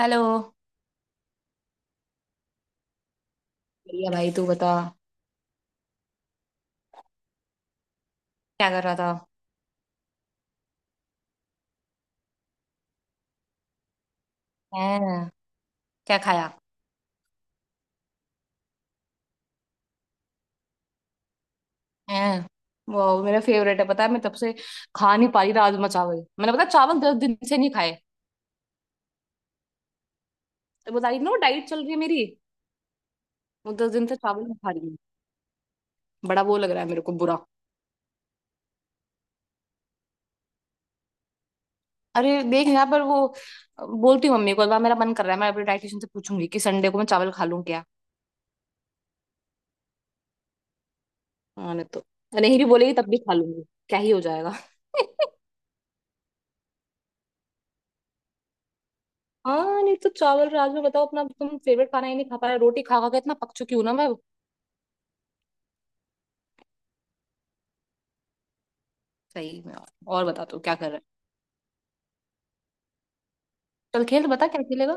Hello. बढ़िया भाई, तू बता क्या कर रहा था? हैं? क्या खाया? हैं, वो मेरा फेवरेट है। पता है मैं तब से खा नहीं पा रही राजमा चावल, मैंने, पता है, चावल 10 दिन से नहीं खाए। तो बता रही थी ना वो डाइट चल रही है मेरी। वो 10 दिन से चावल नहीं खा रही हूँ। बड़ा वो लग रहा है मेरे को बुरा। अरे देख यहाँ पर वो, बोलती हूँ मम्मी को एक बार, मेरा मन कर रहा है मैं अपने डाइटिशियन से पूछूंगी कि संडे को मैं चावल खा लूँ क्या। मैंने तो, नहीं भी बोलेगी तब भी खा लूंगी। क्या ही हो जाएगा। हाँ नहीं तो चावल, रात में बताओ, अपना तुम फेवरेट खाना ही नहीं खा पा रहे, रोटी खा खा के इतना पक चुकी हूँ ना मैं। सही में। और बता तू क्या कर रहा है। चल खेल बता क्या खेलेगा।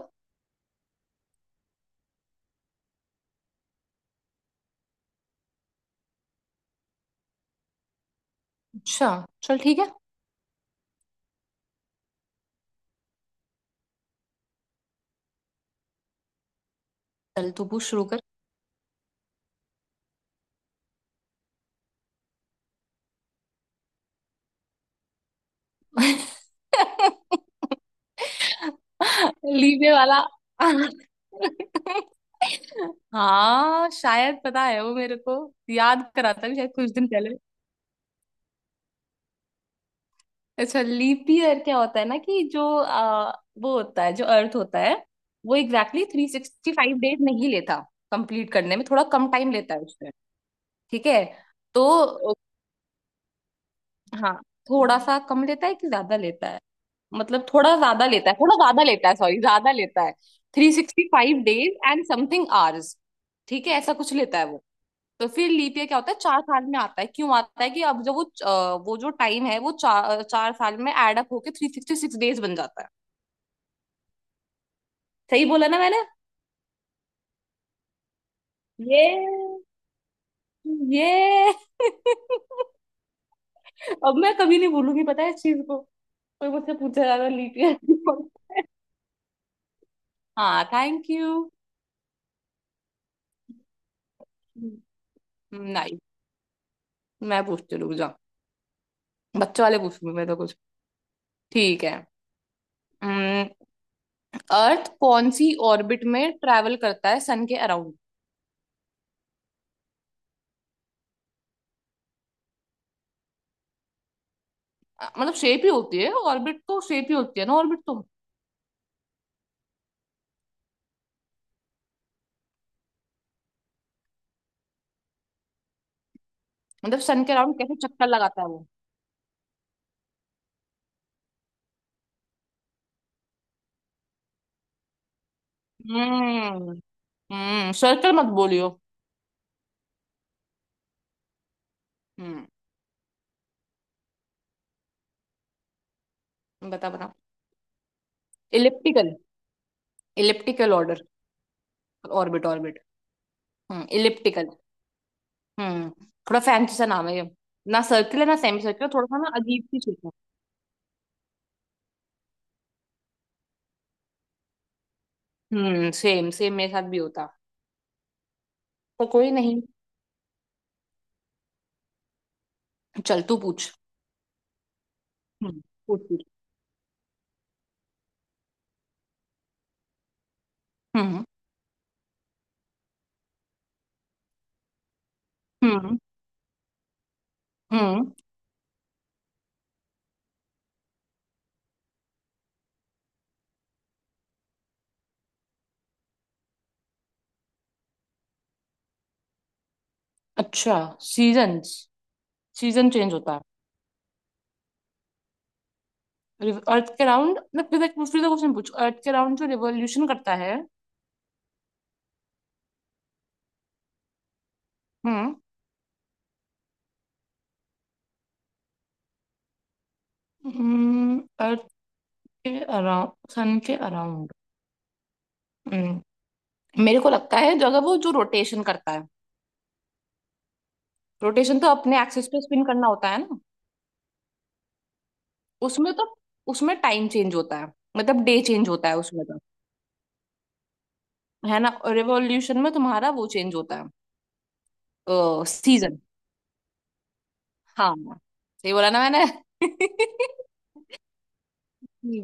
अच्छा, चल ठीक है। चल तू पूछ शुरू कर। लीजे वाला। हाँ शायद पता है वो मेरे को, याद करा था शायद कुछ दिन पहले। अच्छा, लीप ईयर क्या होता है ना कि जो वो होता है जो अर्थ होता है, वो एग्जैक्टली 365 डेज नहीं लेता कंप्लीट करने में, थोड़ा कम टाइम लेता है उसमें। ठीक है। तो हाँ, थोड़ा सा कम लेता है कि ज्यादा लेता है, मतलब थोड़ा ज्यादा लेता है, थोड़ा ज्यादा लेता है, सॉरी ज्यादा लेता है। 365 डेज एंड समथिंग आवर्स। ठीक है ऐसा कुछ लेता है वो। तो फिर लीप ईयर क्या होता है, 4 साल में आता है, क्यों आता है कि अब जब वो वो जो टाइम है वो 4 4 साल में एड अप होके 366 डेज बन जाता है। सही बोला ना मैंने? ये ये अब मैं कभी नहीं भूलूंगी पता है इस चीज को। कोई मुझसे पूछा जा रहा लीप ईयर। हाँ थैंक यू। नाइस। मैं पूछती हूँ, रुक जाओ। बच्चों वाले पूछूंगी मैं तो कुछ। ठीक है। अर्थ कौन सी ऑर्बिट में ट्रैवल करता है सन के अराउंड? मतलब शेप ही होती है ऑर्बिट तो, शेप ही होती है ना ऑर्बिट तो। मतलब सन के अराउंड कैसे चक्कर लगाता है वो। हम्म। हम्म, सर्कल मत बोलियो। हम्म। बता बता। Elliptical. Elliptical order. Orbit orbit. हम्म, इलिप्टिकल। हम्म। थोड़ा फैंसी सा नाम है ये। ना सर्कल है ना सेमी सर्कल, थोड़ा सा ना अजीब सी shape। हम्म, सेम सेम मेरे साथ भी होता। पर कोई नहीं, चल तू पूछ। हम्म। पूछ पूछ। हम्म। हम्म। हम्म। अच्छा, सीजन्स। सीजन चेंज होता है अर्थ के राउंड, मैं फिर एक फिर क्वेश्चन पूछ, अर्थ के राउंड जो रिवोल्यूशन करता है। हम्म। अर्थ के अराउंड, सन के अराउंड। हम्म। मेरे को लगता है जो, अगर वो जो रोटेशन करता है, रोटेशन तो अपने एक्सिस पे स्पिन करना होता है ना। उसमें तो, उसमें टाइम चेंज होता है, मतलब डे चेंज होता है उसमें तो। है ना। रिवॉल्यूशन में तुम्हारा वो चेंज होता है, सीजन। हाँ। सही बोला ना मैंने?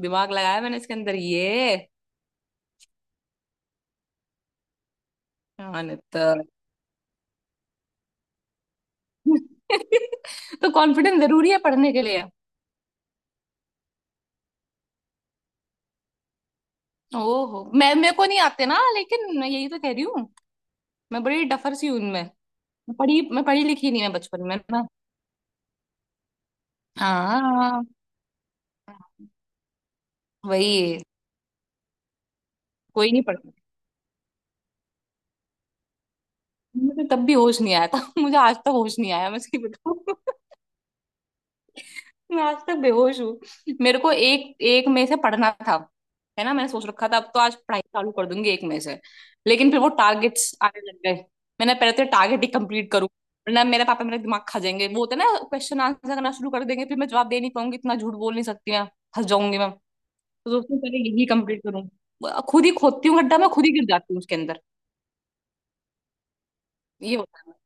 दिमाग लगाया मैंने इसके अंदर ये। हाँ नहीं तो। तो कॉन्फिडेंस जरूरी है पढ़ने के लिए। ओहो मैं, मेरे को नहीं आते ना लेकिन, मैं यही तो कह रही हूँ मैं बड़ी डफर सी हूँ उनमें। मैं पढ़ी लिखी नहीं, मैं बचपन में ना। हाँ वही। कोई नहीं पढ़ता। मुझे तब भी होश नहीं आया था। मुझे आज तक होश नहीं आया, मैं सही बताऊँ। मैं आज तक बेहोश हूँ। मेरे को एक एक मई से पढ़ना था, है ना, मैंने सोच रखा था अब तो आज पढ़ाई चालू कर दूंगी 1 मई से, लेकिन फिर वो टारगेट्स आने लग गए। मैंने पहले तो टारगेट ही कंप्लीट करूँ, वरना मेरे पापा मेरा दिमाग खा जाएंगे, वो होता है ना, क्वेश्चन आंसर करना शुरू कर देंगे, फिर मैं जवाब दे नहीं पाऊंगी, इतना झूठ बोल नहीं सकती मैं, फंस जाऊंगी मैं। तो सोचती हूँ पहले यही कंप्लीट करूँ। खुद ही खोदती हूँ गड्ढा मैं, खुद ही गिर जाती हूँ उसके अंदर। ये होता है।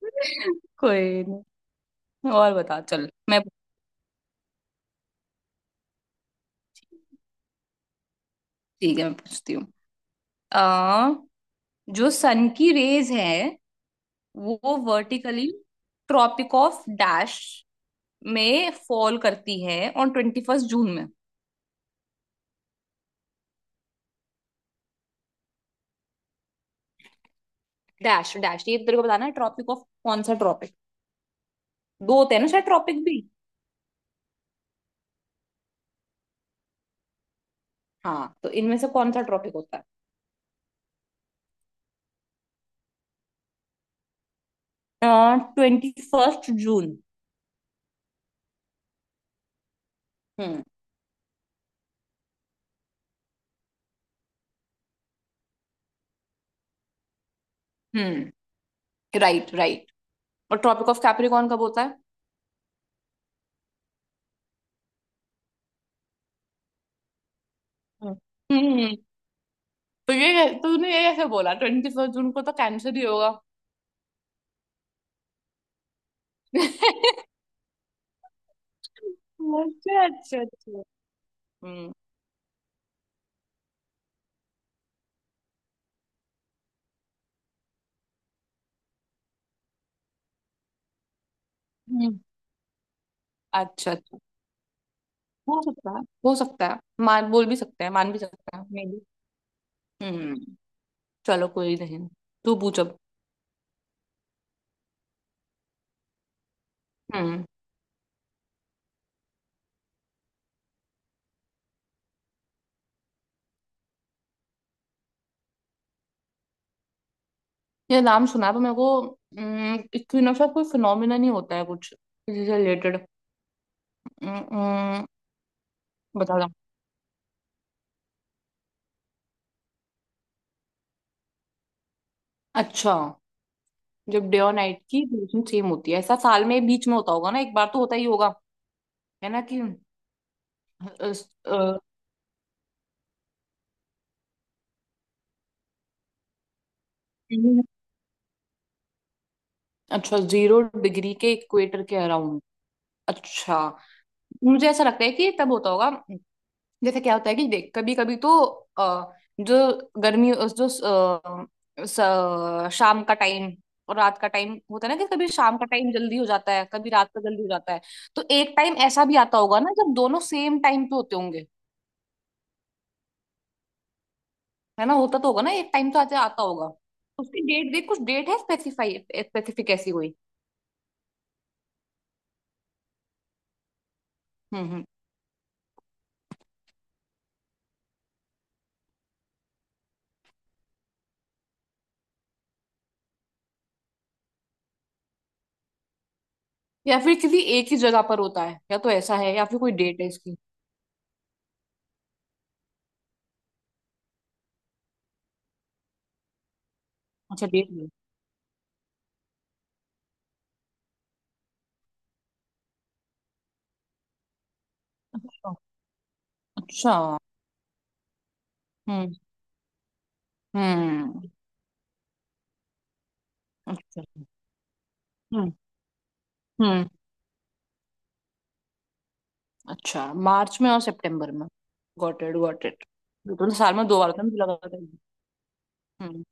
कोई नहीं। और बता। चल मैं, ठीक है मैं पूछती हूँ। आ जो सन की रेज है, वो वर्टिकली ट्रॉपिक ऑफ डैश में फॉल करती है ऑन 21 जून में। डैश डैश ये तेरे को बताना है ट्रॉपिक ऑफ कौन सा ट्रॉपिक, दो होते हैं ना शायद ट्रॉपिक भी। हाँ तो इनमें से कौन सा ट्रॉपिक होता है? 21 जून। हम्म। हम्म, राइट राइट। और ट्रॉपिक ऑफ कैप्रिकॉर्न कब होता है? हम्म। हम्म, तो ये तूने ये कैसे बोला 21 जून को तो कैंसर ही होगा? अच्छा अच्छा अच्छा। हम्म। हम्म। अच्छा अच्छा। हो सकता है हो सकता है। मान बोल भी सकते हैं, मान भी सकते हैं, मे बी। हम्म। चलो कोई नहीं, तू पूछ अब। हम्म। ये नाम सुना है पर मेरे को, इक्विनोक्स का कोई फिनोमिना नहीं होता है कुछ इससे रिलेटेड? बता दो। अच्छा, जब डे और नाइट की ड्यूरेशन सेम होती है, ऐसा साल में बीच में होता होगा ना, एक बार तो होता ही होगा, है ना कि अ, अ, अच्छा जीरो डिग्री के इक्वेटर के अराउंड। अच्छा। मुझे ऐसा लगता है कि तब होता होगा, जैसे क्या होता है कि देख, कभी कभी तो अ, जो गर्मी जो शाम का टाइम और रात का टाइम होता है ना, कि कभी शाम का टाइम जल्दी हो जाता है, कभी रात का जल्दी हो जाता है, तो एक टाइम ऐसा भी आता होगा ना जब दोनों सेम टाइम पे होते होंगे। है ना, होता तो होगा ना, एक टाइम तो आते आता होगा। उसकी डेट देख, कुछ डेट है स्पेसिफाई स्पेसिफिक ऐसी कोई। हम्म। हम्म, या फिर किसी एक ही जगह पर होता है, या तो ऐसा है या फिर कोई डेट है इसकी। अच्छा डेट है। अच्छा। अच्छा। हम्म। हम्म। अच्छा। हम्म। हम्म। अच्छा, मार्च में और सितंबर में। Got it got it. तो साल में दो बार होता है, मुझे लगा था। हम्म।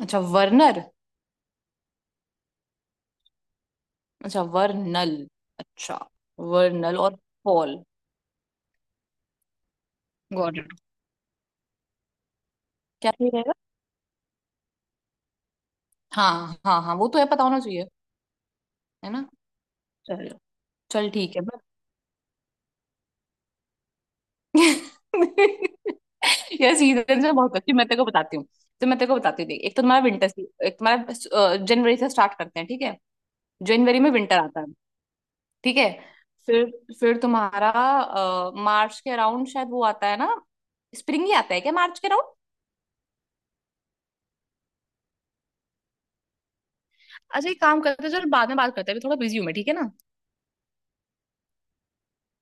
अच्छा वर्नर। अच्छा वर्नल। अच्छा वर्नल और फॉल। Got it. क्या सही रहेगा? हाँ हाँ हाँ, वो तो है, पता होना चाहिए। है ना, चलो। चल ठीक है, बस। यार सीजन से बहुत अच्छी मैं तेरे को बताती हूँ, तो मैं तेरे को बताती हूँ देख, एक तो तुम्हारा विंटर, एक तुम्हारा, जनवरी से स्टार्ट करते हैं ठीक है। जनवरी में विंटर आता है। ठीक है। फिर फिर तुम्हारा मार्च के अराउंड शायद वो आता है ना, स्प्रिंग ही आता है क्या मार्च के अराउंड। अच्छा एक काम करते हैं, चल बाद में बात करते हैं, अभी थोड़ा बिजी हूँ मैं, ठीक है ना।